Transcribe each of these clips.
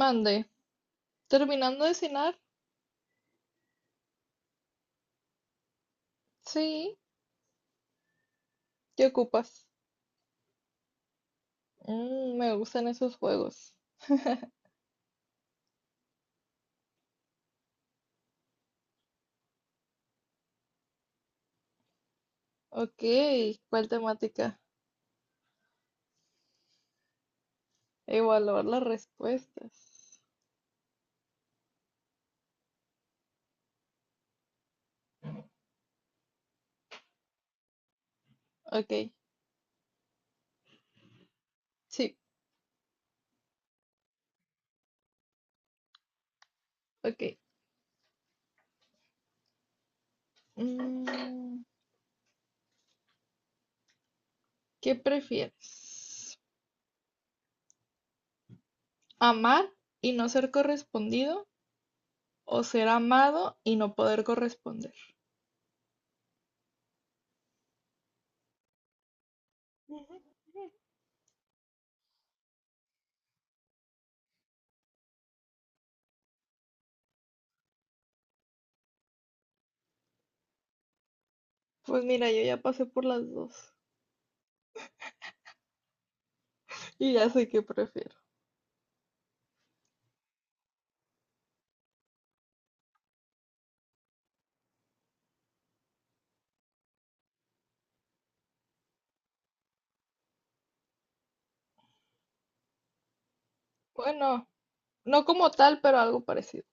Mande, terminando de cenar, sí, ¿qué ocupas? Mm, me gustan esos juegos. Ok, ¿cuál temática? Evaluar las respuestas. Ok, sí, ok. Mm, ¿Qué prefieres? ¿Amar y no ser correspondido o ser amado y no poder corresponder? Ujú. Pues mira, yo ya pasé por las dos y ya sé qué prefiero. Bueno, no como tal, pero algo parecido.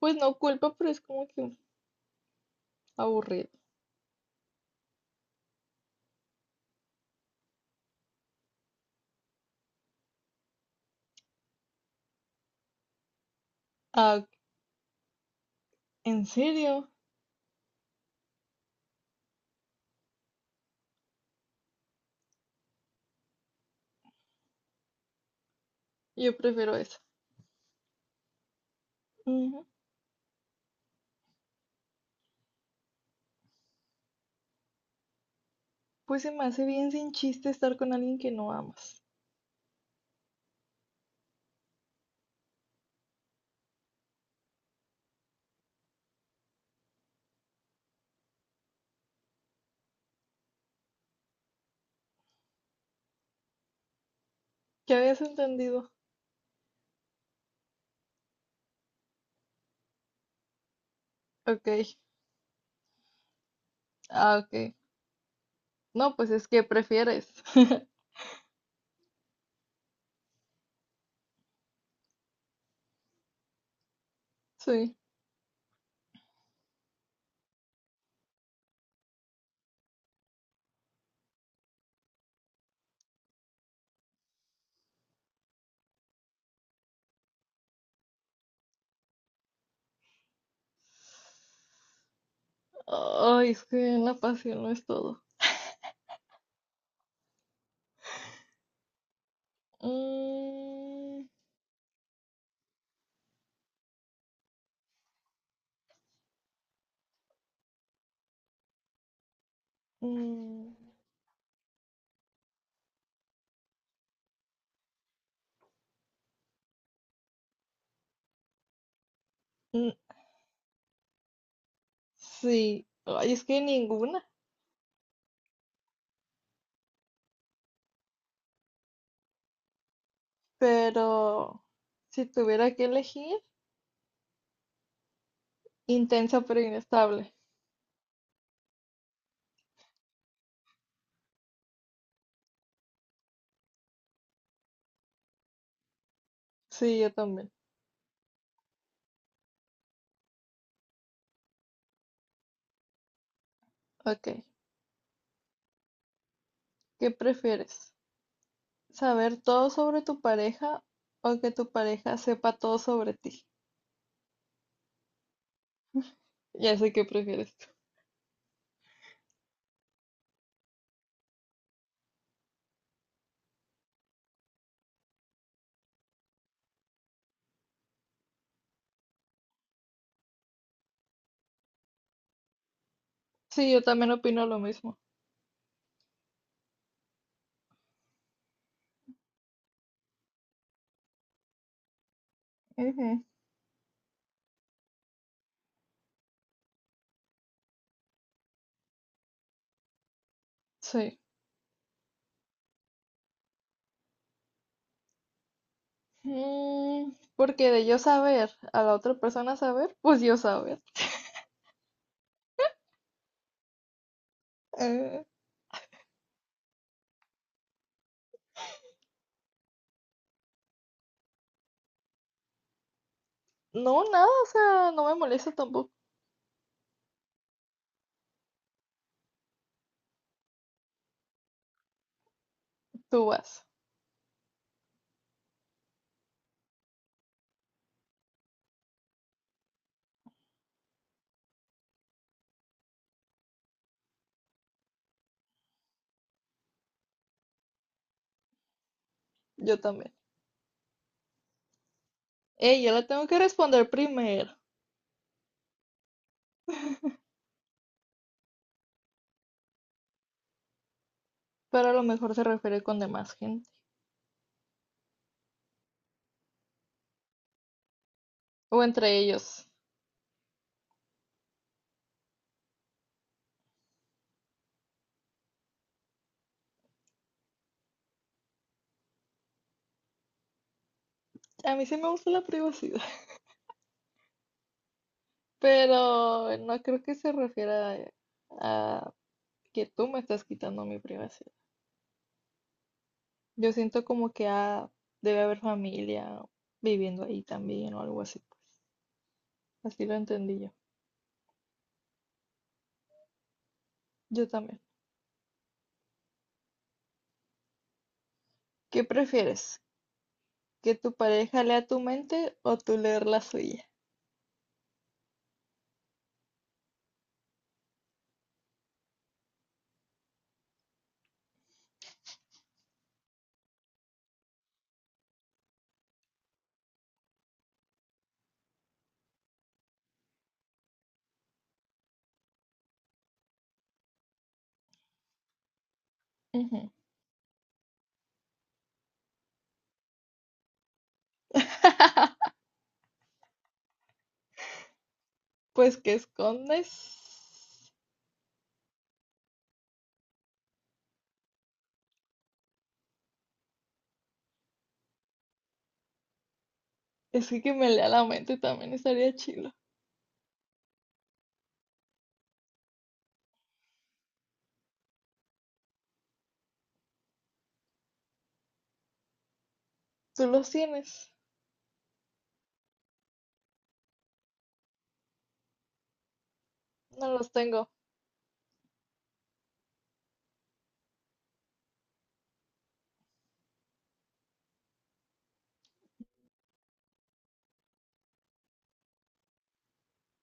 Pues no culpa, pero es como que aburrido. Ah, ¿en serio? Yo prefiero eso. Ujú. Pues se me hace bien sin chiste estar con alguien que no amas. ¿Qué habías entendido? Ok. Ah, ok. No, pues es que prefieres. Sí. Ay, es que la pasión no es todo. Mm, mm, mm, sí. Ay, es que ninguna. Pero si tuviera que elegir, intensa pero inestable. Sí, yo también. Ok. ¿Qué prefieres, saber todo sobre tu pareja o que tu pareja sepa todo sobre ti? Ya sé qué prefieres. Sí, yo también opino lo mismo. Ujú, sí. Porque de yo saber a la otra persona saber, pues yo saber. Eh, no, nada, o sea, no me molesta tampoco. Tú vas, yo también. Yo la tengo que responder primero, pero a lo mejor se refiere con demás gente o entre ellos. A mí sí me gusta la privacidad. Pero no creo que se refiera a que tú me estás quitando mi privacidad. Yo siento como que ah, debe haber familia viviendo ahí también o algo así. Pues. Así lo entendí yo. Yo también. ¿Qué prefieres? ¿Que tu pareja lea tu mente o tú leer la suya? Ujú. Pues que escondes. Es que me lea la mente también estaría chido. ¿Tú los tienes? No los tengo.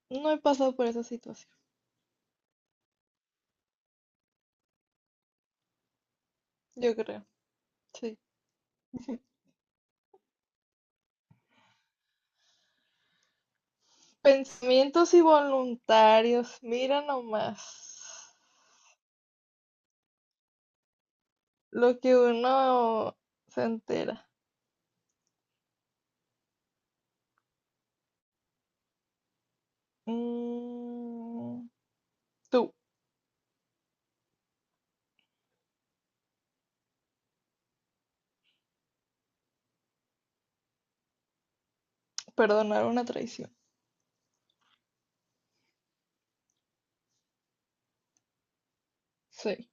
No he pasado por esa situación. Yo creo. Sí. Pensamientos involuntarios, mira nomás lo que uno se entera. Mm, tú, perdonar una traición. Sí.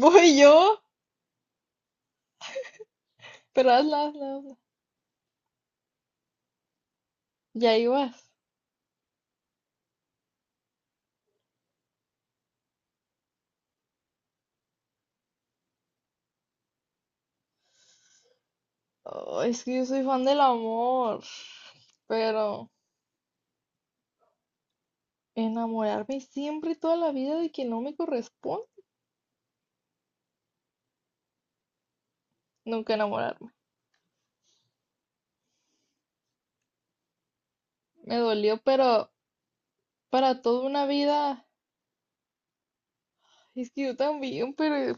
Voy yo, pero hazla, hazla, hazla. Ya ibas. Oh, es que yo soy fan del amor, pero enamorarme siempre y toda la vida de quien no me corresponde, nunca enamorarme. Me dolió, pero para toda una vida, es que yo también, pero es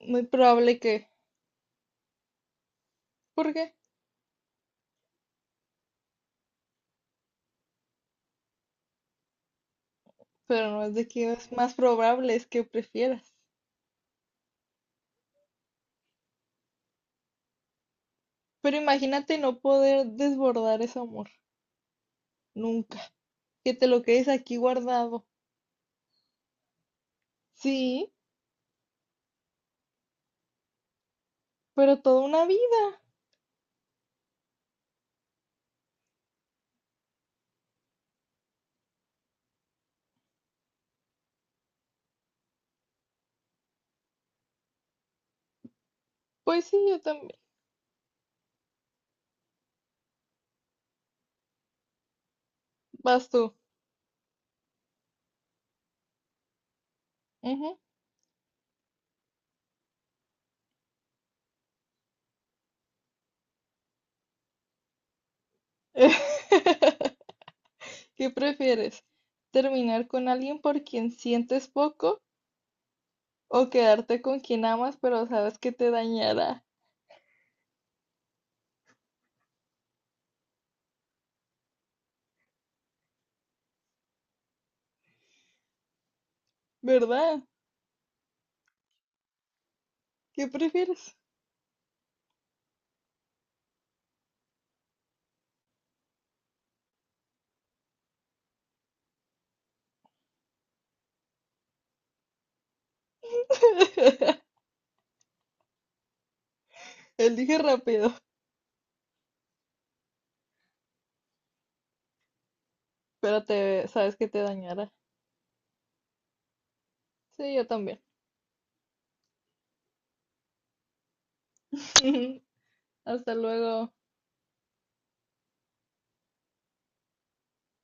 muy probable que ¿por qué? Pero no es de que es más probable, es que prefieras. Pero imagínate no poder desbordar ese amor, nunca. Que te lo quedes aquí guardado. Sí, pero toda una vida. Pues sí, yo también. Vas tú. Ujú. ¿Qué prefieres? ¿Terminar con alguien por quien sientes poco o quedarte con quien amas pero sabes que te dañará? ¿Verdad? ¿Qué prefieres? Elige rápido, pero te sabes que te dañará. Sí, yo también. Hasta luego.